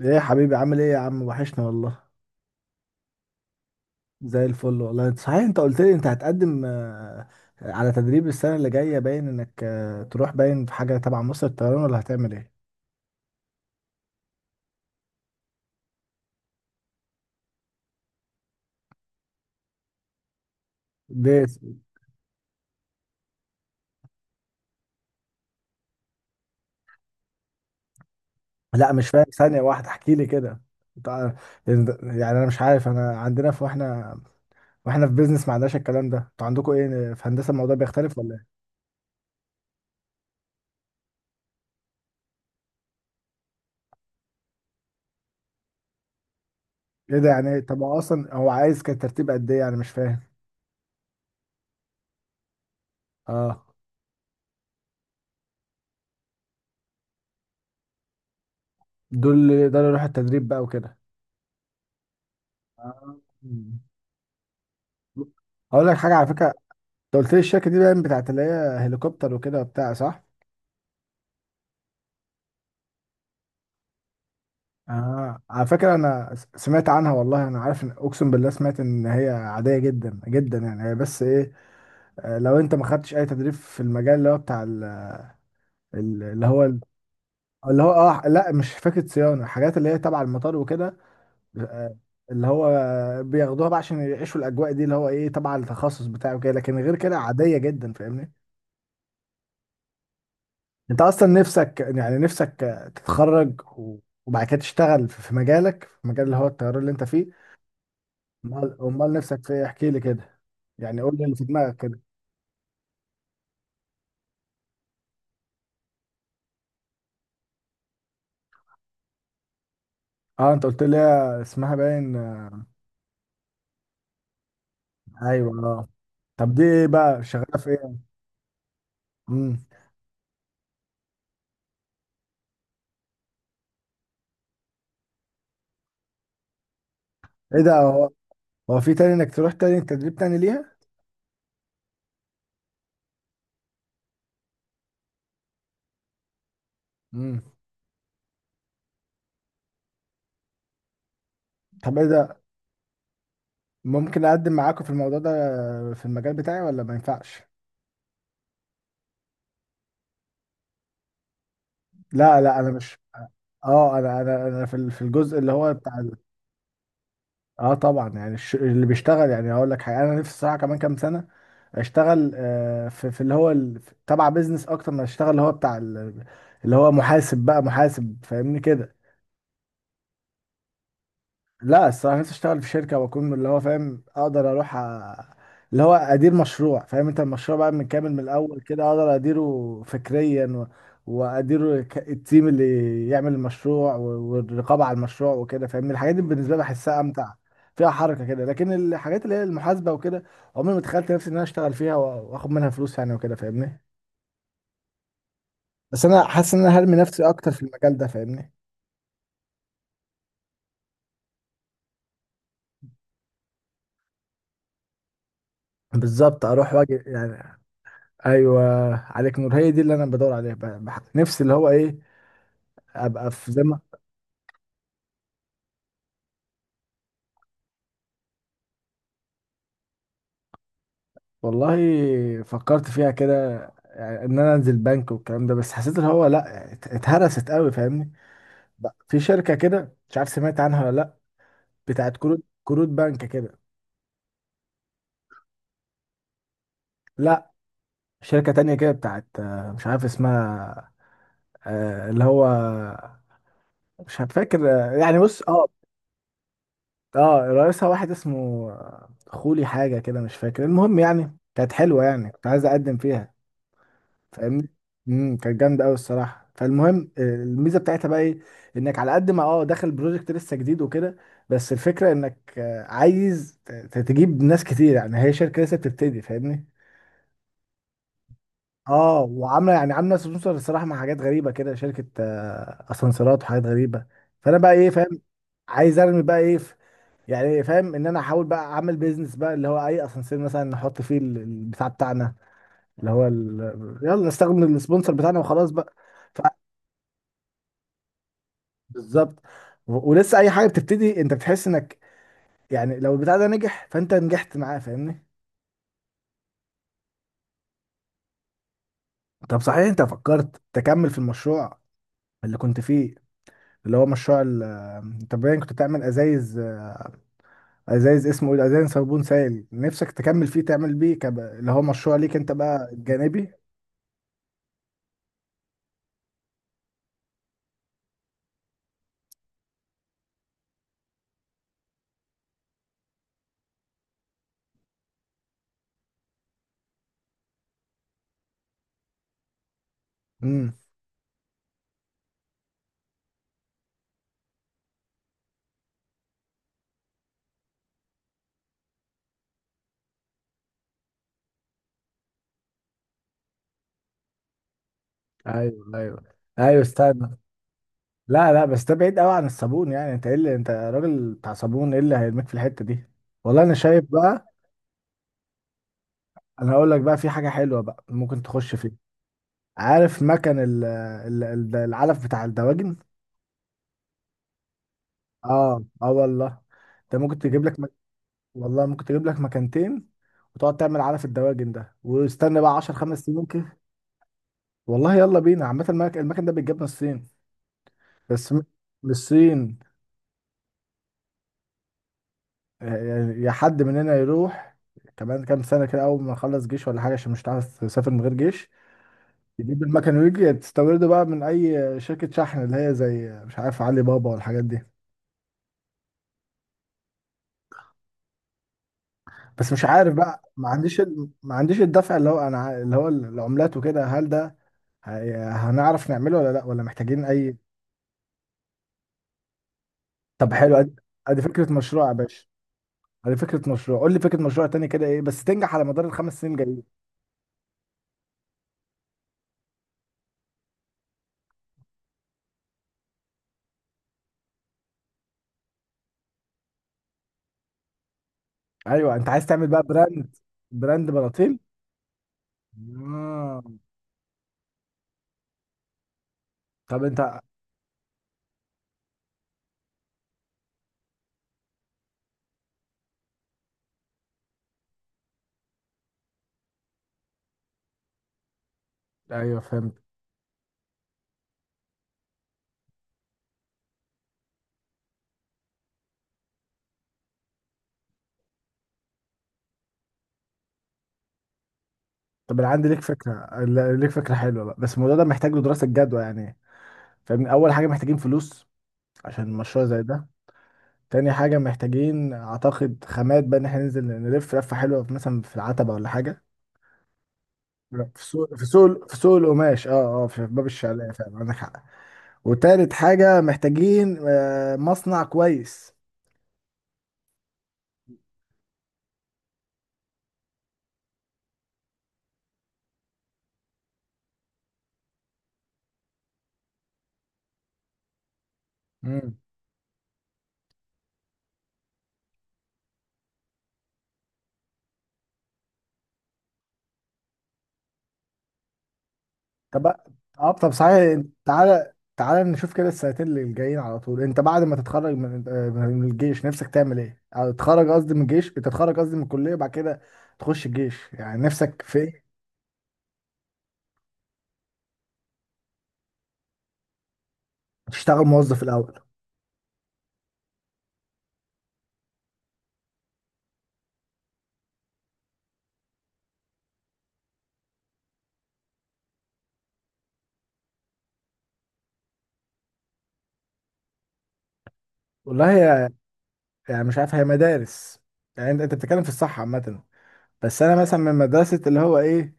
ايه يا حبيبي عامل ايه يا عم، وحشنا والله. زي الفل والله. انت صحيح انت قلت لي انت هتقدم على تدريب السنة اللي جاية، باين انك تروح، باين في حاجة تبع مصر الطيران ولا هتعمل ايه؟ ليه؟ لا مش فاهم، ثانية واحدة احكي لي كده. تع- يعني انا مش عارف، انا عندنا في، واحنا في بيزنس ما عندناش الكلام ده، انتوا عندكم ايه في هندسة؟ الموضوع بيختلف ولا ايه؟ ايه ده يعني إيه؟ طب هو اصلا هو عايز كان ترتيب قد ايه؟ يعني مش فاهم. اه. دول ده اللي يروح التدريب بقى وكده. آه. هقول لك حاجه على فكره، انت قلت لي الشركه دي باين بتاعت اللي هي هليكوبتر وكده وبتاع، صح؟ آه على فكره انا سمعت عنها والله، انا عارف ان، اقسم بالله سمعت ان هي عاديه جدا جدا يعني، هي بس ايه، لو انت ما خدتش اي تدريب في المجال اللي هو بتاع ال- اللي هو ال- اللي هو اه لا مش فكره صيانه، حاجات اللي هي تبع المطار وكده، آه، اللي هو بياخدوها بقى عشان يعيشوا الاجواء دي، اللي هو ايه تبع التخصص بتاعه كده، لكن غير كده عاديه جدا فاهمني. انت اصلا نفسك يعني نفسك تتخرج وبعد كده تشتغل في مجالك، في مجال اللي هو الطيران اللي انت فيه. امال نفسك في ايه؟ احكي لي كده، يعني قول لي اللي في دماغك كده. اه انت قلت لي اسمها باين. ايوه اه. طب دي ايه بقى؟ شغاله في ايه؟ امم. ايه ده؟ هو هو في تاني انك تروح تاني تدريب تاني ليها؟ امم. طب ايه ده؟ ممكن اقدم معاكم في الموضوع ده في المجال بتاعي ولا ما ينفعش؟ لا لا انا مش، اه انا في في الجزء اللي هو بتاع، اه طبعا يعني اللي بيشتغل يعني، هقول لك حاجه، انا نفسي الصراحه كمان كام سنه اشتغل في اللي هو تبع بيزنس اكتر ما اشتغل اللي هو بتاع اللي هو محاسب بقى، محاسب فاهمني كده. لا الصراحة نفسي اشتغل في شركة واكون اللي هو فاهم، اقدر اروح اللي هو ادير مشروع، فاهم انت، المشروع بقى من كامل من الاول كده اقدر اديره فكريا، و... واديره التيم اللي يعمل المشروع، و... والرقابة على المشروع وكده فاهمني، الحاجات دي بالنسبة لي بحسها امتع، فيها حركة كده، لكن الحاجات اللي هي المحاسبة وكده، عمري ما تخيلت نفسي ان انا اشتغل فيها واخد منها فلوس يعني وكده فاهمني. بس انا حاسس ان انا هرمي نفسي اكتر في المجال ده فاهمني. بالظبط، اروح واجي يعني. ايوه، عليك نور هي دي اللي انا بدور عليها، نفسي اللي هو ايه، ابقى في زي ما. والله فكرت فيها كده، يعني ان انا انزل بنك والكلام ده، بس حسيت اللي هو لا يعني اتهرست قوي فاهمني. في شركه كده مش عارف سمعت عنها ولا لا، بتاعت كروت بنك كده. لا شركه تانية كده بتاعت مش عارف اسمها، اللي هو مش فاكر، يعني بص اه. اه رئيسها واحد اسمه خولي حاجه كده مش فاكر، المهم يعني كانت حلوه يعني، كنت عايز اقدم فيها فاهمني. امم. كانت جامده قوي الصراحه، فالمهم الميزه بتاعتها بقى ايه؟ انك على قد ما اه داخل بروجكت لسه جديد وكده، بس الفكره انك عايز تجيب ناس كتير يعني، هي شركه لسه بتبتدي فاهمني. اه وعامله يعني عامله سبونسر الصراحه مع حاجات غريبه كده، شركه اسانسيرات وحاجات غريبه، فانا بقى ايه فاهم، عايز ارمي بقى ايه في، يعني إيه، فاهم ان انا احاول بقى اعمل بيزنس بقى اللي هو اي اسانسير مثلا نحط فيه البتاع بتاعنا اللي هو ال... يلا نستخدم السبونسر بتاعنا وخلاص بقى. بالظبط. ولسه اي حاجه بتبتدي انت بتحس انك يعني، لو البتاع ده نجح فانت نجحت معاه فاهمني. طب صحيح انت فكرت تكمل في المشروع اللي كنت فيه، اللي هو مشروع انت باين كنت بتعمل ازايز، ازايز اسمه ايه، ازايز صابون سائل، نفسك تكمل فيه تعمل بيه اللي هو مشروع ليك انت بقى الجانبي. امم. ايوه ايوه، ايوه استنى. لا لا بس ده بعيد قوي عن الصابون يعني، انت ايه اللي انت راجل بتاع صابون، ايه اللي هيرميك في الحته دي؟ والله انا شايف بقى، انا هقول لك بقى في حاجه حلوه بقى ممكن تخش فيها. عارف مكن العلف بتاع الدواجن؟ اه اه والله. انت ممكن تجيب لك والله ممكن تجيب لك مكانتين، وتقعد تعمل علف الدواجن ده، واستنى بقى 10 خمس سنين كده. والله يلا بينا. عامه المكن ده بيتجاب من الصين. بس م... من الصين. يعني يا حد مننا يروح كمان كام سنه كده، اول ما نخلص جيش ولا حاجه عشان مش هتعرف تسافر من غير جيش، تجيب المكن، ويجي تستورده بقى من اي شركه شحن اللي هي زي مش عارف علي بابا والحاجات دي. بس مش عارف بقى ما عنديش ما عنديش الدفع اللي هو انا اللي هو العملات وكده، هل ده هنعرف نعمله ولا لا، ولا محتاجين اي. طب حلو، ادي أدي فكرة مشروع يا باشا، ادي فكرة مشروع، قول لي فكرة مشروع تاني كده ايه بس تنجح على مدار الخمس سنين جايين. ايوه انت عايز تعمل بقى براند، براند بلاطيل. آه. طب انت. ايوه فهمت. طب انا عندي ليك فكرة ليك فكرة حلوة بقى، بس الموضوع ده محتاج له دراسة جدوى يعني فاهمني، اول حاجة محتاجين فلوس عشان مشروع زي ده. تاني حاجة محتاجين أعتقد خامات بقى، إن إحنا ننزل نلف لفة حلوة مثلا في العتبة ولا حاجة، في سوق في سوق القماش، أه أه في باب الشعلية فعلا عندك حق. وتالت حاجة محتاجين مصنع كويس. مم. طب. أه طب صحيح، تعالى نشوف كده السنتين اللي جايين على طول، أنت بعد ما تتخرج من من الجيش نفسك تعمل إيه؟ أو تتخرج قصدي من الجيش، انت تتخرج قصدي من الكلية بعد كده تخش الجيش يعني، نفسك في إيه؟ تشتغل موظف الأول؟ والله يعني مش عارف، هي مدارس يعني، انت بتتكلم في الصح عامة، بس انا مثلا من مدرسة اللي هو ايه،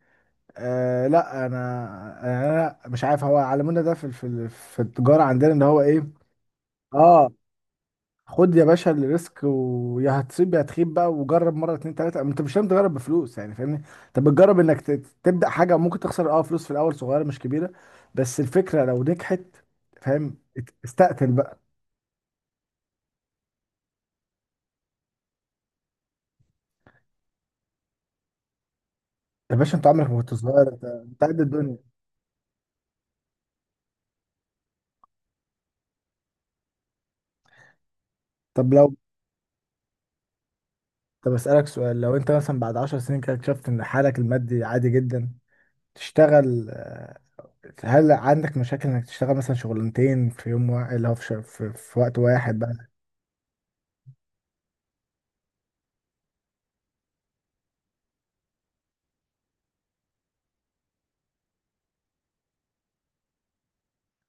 آه لا انا يعني انا مش عارف، هو علمونا ده في التجارة عندنا اللي هو ايه، اه. خد يا باشا الريسك، ويا هتصيب يا هتخيب بقى، وجرب مرة اتنين تلاتة، انت مش لازم تجرب بفلوس يعني فاهمني، انت بتجرب انك تبدأ حاجة، ممكن تخسر اه فلوس في الاول صغيرة مش كبيرة، بس الفكرة لو نجحت فاهم استقتل بقى. يا باشا انت عمرك ما كنت صغير، انت قد الدنيا. طب لو، طب أسألك سؤال، لو أنت مثلا بعد 10 سنين كده اكتشفت إن حالك المادي عادي جدا، تشتغل هل عندك مشاكل إنك تشتغل مثلا شغلانتين في يوم واحد اللي هو في وقت واحد بقى؟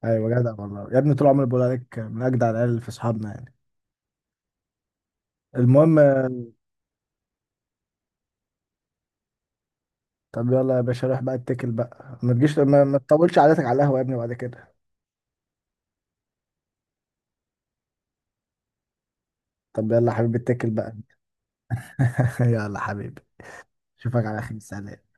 أيوة جدع والله يا ابني، طول عمري بقول عليك من أجدع العيال في أصحابنا يعني. المهم. طب يلا يا باشا روح بقى اتكل بقى، ما تجيش، ما تطولش قعدتك على القهوة يا ابني بعد كده. طب يلا يا حبيبي اتكل بقى. يلا حبيبي، اشوفك على خير، سلام.